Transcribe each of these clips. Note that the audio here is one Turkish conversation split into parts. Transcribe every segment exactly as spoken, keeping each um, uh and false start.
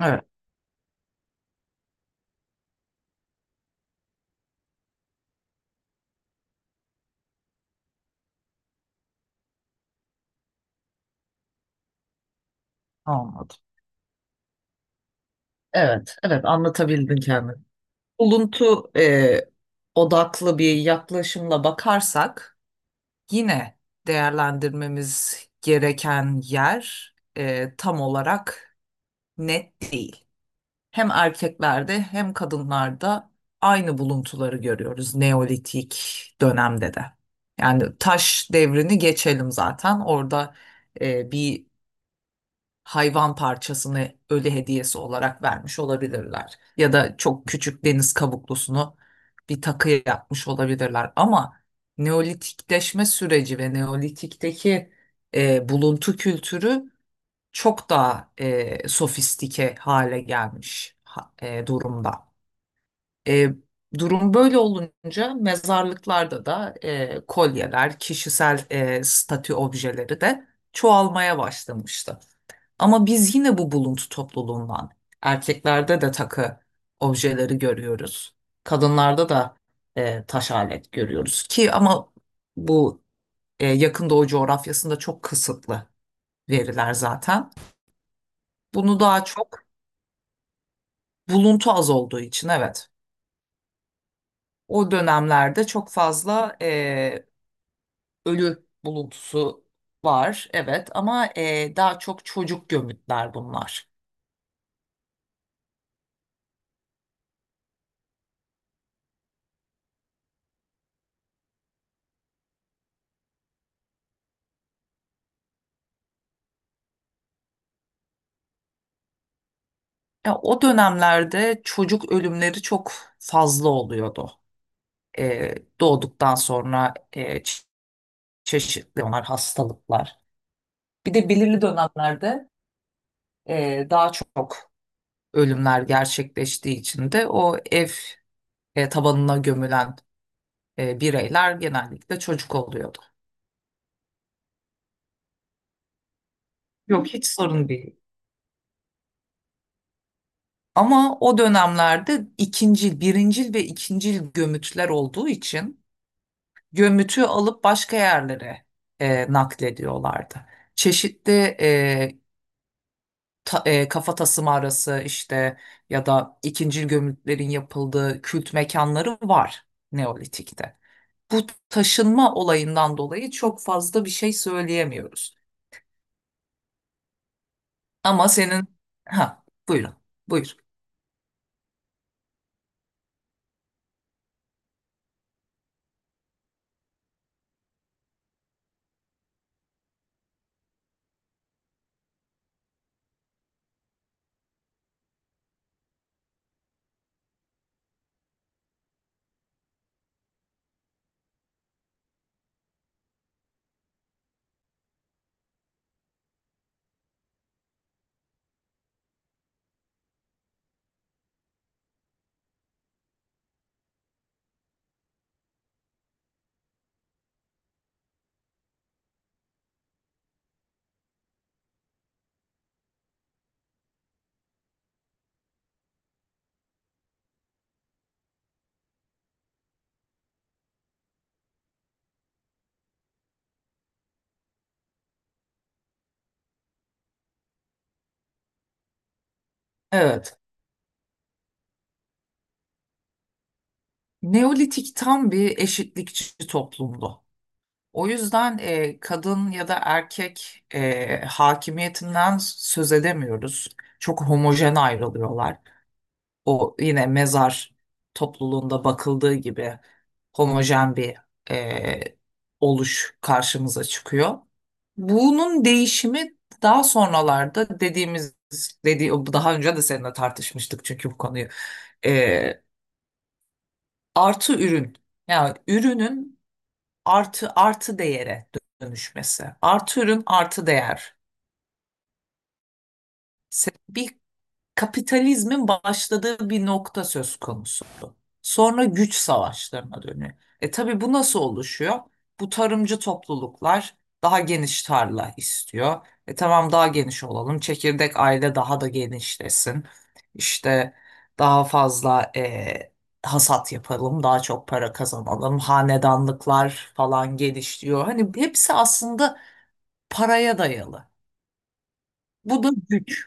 Evet, anladım. Evet, evet anlatabildin kendini. Buluntu e, odaklı bir yaklaşımla bakarsak yine değerlendirmemiz gereken yer e, tam olarak net değil. Hem erkeklerde hem kadınlarda aynı buluntuları görüyoruz Neolitik dönemde de. Yani taş devrini geçelim zaten orada e, bir hayvan parçasını ölü hediyesi olarak vermiş olabilirler. Ya da çok küçük deniz kabuklusunu bir takı yapmış olabilirler. Ama Neolitikleşme süreci ve Neolitik'teki e, buluntu kültürü çok daha e, sofistike hale gelmiş ha- e, durumda. E, Durum böyle olunca mezarlıklarda da e, kolyeler, kişisel e, statü objeleri de çoğalmaya başlamıştı. Ama biz yine bu buluntu topluluğundan erkeklerde de takı objeleri görüyoruz. Kadınlarda da e, taş alet görüyoruz ki ama bu e, yakın doğu coğrafyasında çok kısıtlı veriler zaten. Bunu daha çok buluntu az olduğu için evet. O dönemlerde çok fazla e, ölü buluntusu var evet ama e, daha çok çocuk gömütler bunlar. Ya o dönemlerde çocuk ölümleri çok fazla oluyordu. Ee, doğduktan sonra e, çe- çeşitli onlar hastalıklar. Bir de belirli dönemlerde e, daha çok ölümler gerçekleştiği için de o ev e, tabanına gömülen e, bireyler genellikle çocuk oluyordu. Yok, hiç sorun değil. Ama o dönemlerde ikincil, birincil ve ikincil gömütler olduğu için gömütü alıp başka yerlere e, naklediyorlardı. Çeşitli e, ta- e, kafa tasımı arası işte ya da ikincil gömütlerin yapıldığı kült mekanları var Neolitik'te. Bu taşınma olayından dolayı çok fazla bir şey söyleyemiyoruz. Ama senin... Ha, buyurun, buyur. Evet, Neolitik tam bir eşitlikçi toplumdu. O yüzden e, kadın ya da erkek e, hakimiyetinden söz edemiyoruz. Çok homojen ayrılıyorlar. O yine mezar topluluğunda bakıldığı gibi homojen bir e, oluş karşımıza çıkıyor. Bunun değişimi daha sonralarda dediğimiz dediği daha önce de seninle tartışmıştık çünkü bu konuyu. E, Artı ürün, yani ürünün artı artı değere dönüşmesi. Artı ürün, artı değer. Se- Bir kapitalizmin başladığı bir nokta söz konusu. Sonra güç savaşlarına dönüyor. E tabii bu nasıl oluşuyor? Bu tarımcı topluluklar daha geniş tarla istiyor. E tamam, daha geniş olalım. Çekirdek aile daha da genişlesin. İşte daha fazla e, hasat yapalım, daha çok para kazanalım. Hanedanlıklar falan gelişiyor. Hani hepsi aslında paraya dayalı. Bu da güç.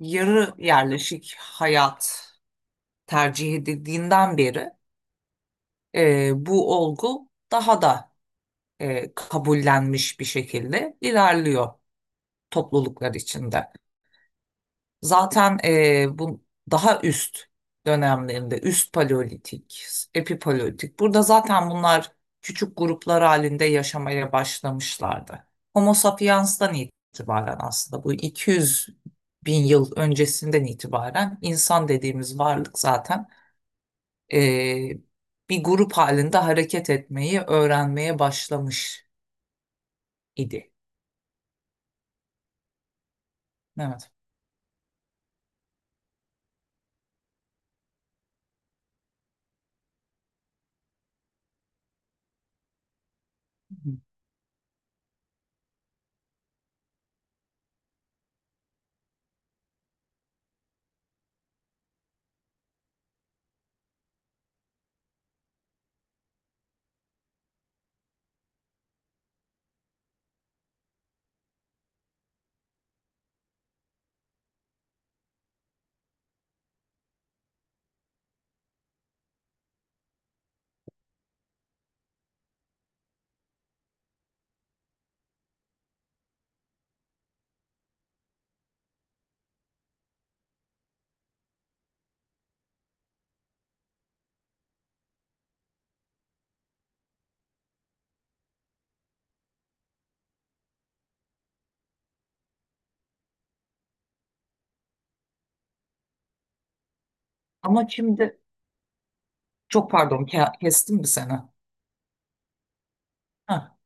Yarı yerleşik hayat tercih edildiğinden beri e, bu olgu daha da e, kabullenmiş bir şekilde ilerliyor topluluklar içinde. Zaten e, bu daha üst dönemlerinde üst paleolitik, epipaleolitik burada zaten bunlar küçük gruplar halinde yaşamaya başlamışlardı. Homo sapiens'ten itibaren aslında bu iki yüz bin yıl öncesinden itibaren insan dediğimiz varlık zaten e, bir grup halinde hareket etmeyi öğrenmeye başlamış idi. Evet. Hı. Ama şimdi çok pardon, ke- kestim mi seni? Ha.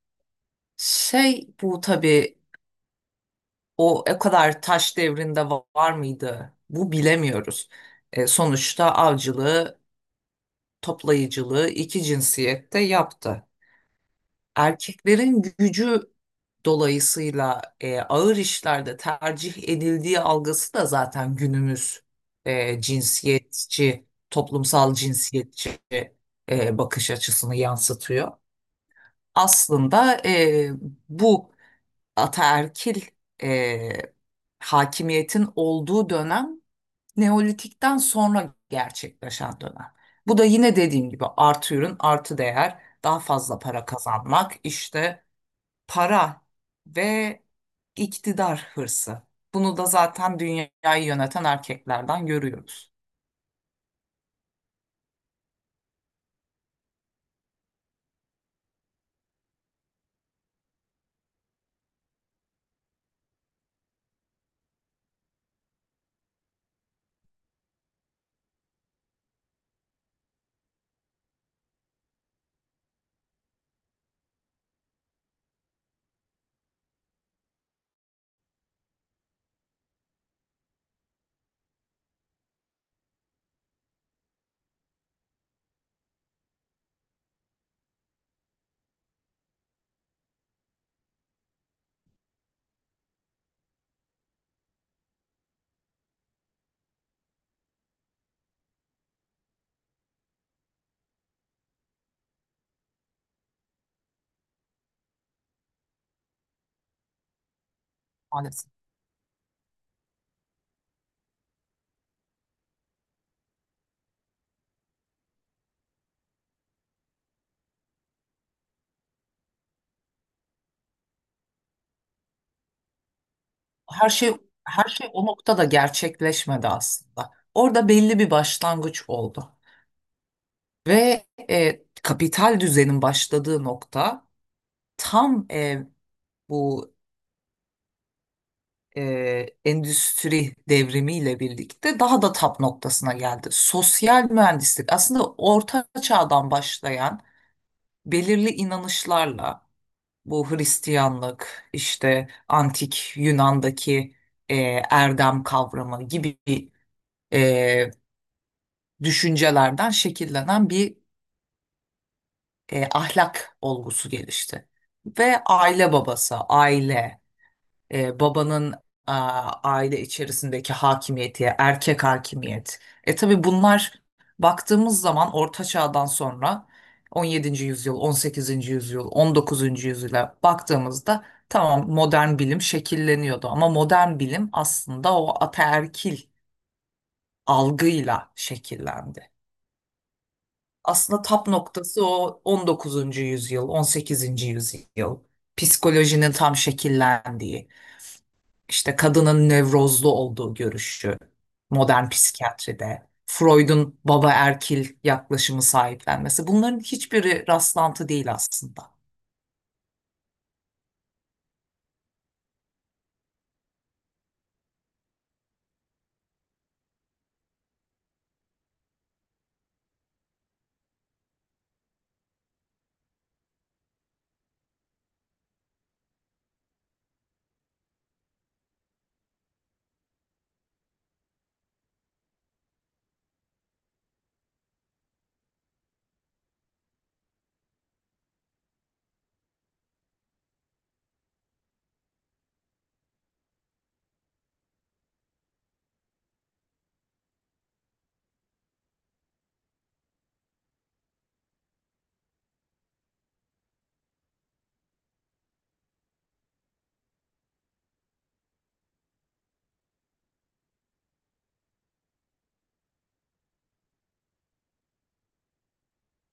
Şey, bu tabii o o kadar taş devrinde va- var mıydı? Bu bilemiyoruz. E, sonuçta avcılığı, toplayıcılığı iki cinsiyette yaptı. Erkeklerin gücü dolayısıyla e, ağır işlerde tercih edildiği algısı da zaten günümüz e, cinsiyetçi, toplumsal cinsiyetçi e, bakış açısını yansıtıyor. Aslında e, bu ataerkil e, hakimiyetin olduğu dönem Neolitik'ten sonra gerçekleşen dönem. Bu da yine dediğim gibi artı ürün, artı değer, daha fazla para kazanmak, işte para ve iktidar hırsı. Bunu da zaten dünyayı yöneten erkeklerden görüyoruz maalesef. Her şey her şey o noktada gerçekleşmedi aslında. Orada belli bir başlangıç oldu. Ve e, kapital düzenin başladığı nokta tam e, bu e, endüstri devrimiyle birlikte daha da tap noktasına geldi. Sosyal mühendislik aslında orta çağdan başlayan belirli inanışlarla. Bu Hristiyanlık, işte antik Yunan'daki e, erdem kavramı gibi e, düşüncelerden şekillenen bir e, ahlak olgusu gelişti. Ve aile babası, aile, e, babanın a, aile içerisindeki hakimiyeti, erkek hakimiyet. E tabii bunlar baktığımız zaman Orta Çağ'dan sonra on yedinci yüzyıl, on sekizinci yüzyıl, on dokuzuncu yüzyıla baktığımızda tamam modern bilim şekilleniyordu ama modern bilim aslında o ataerkil algıyla şekillendi. Aslında tap noktası o on dokuzuncu yüzyıl, on sekizinci yüzyıl psikolojinin tam şekillendiği, İşte kadının nevrozlu olduğu görüşü modern psikiyatride, Freud'un baba erkil yaklaşımı sahiplenmesi bunların hiçbiri rastlantı değil aslında.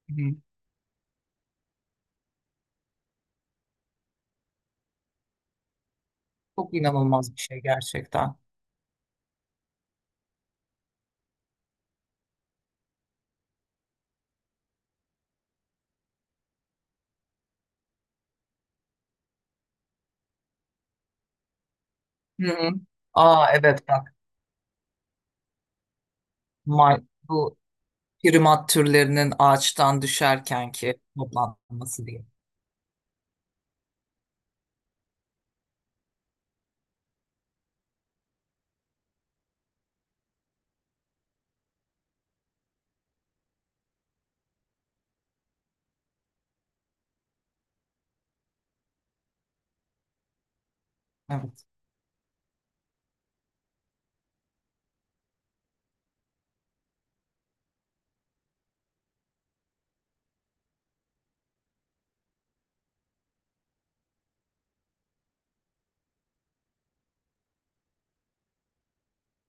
Hı hı. Çok inanılmaz bir şey gerçekten. Hı. Hı. Aa evet, bak, May- bu primat türlerinin ağaçtan düşerkenki toplanması diye. Evet.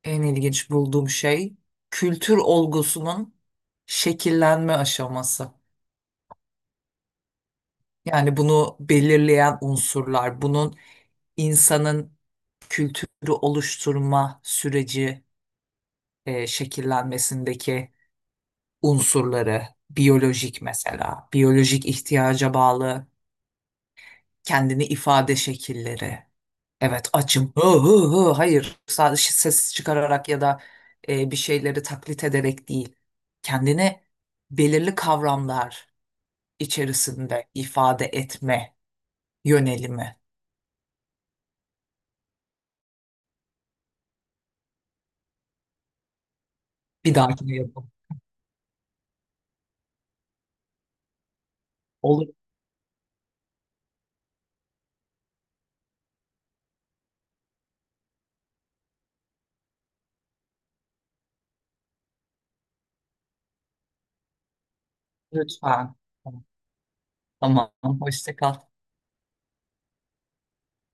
En ilginç bulduğum şey kültür olgusunun şekillenme aşaması. Yani bunu belirleyen unsurlar, bunun insanın kültürü oluşturma süreci e, şekillenmesindeki unsurları, biyolojik mesela, biyolojik ihtiyaca bağlı kendini ifade şekilleri. Evet, açım. Hı hı hı. Hayır, sadece ses çıkararak ya da e, bir şeyleri taklit ederek değil. Kendini belirli kavramlar içerisinde ifade etme yönelimi. Bir dahakine yapalım. Olur. Lütfen. Tamam. Tamam. Hoşça kal.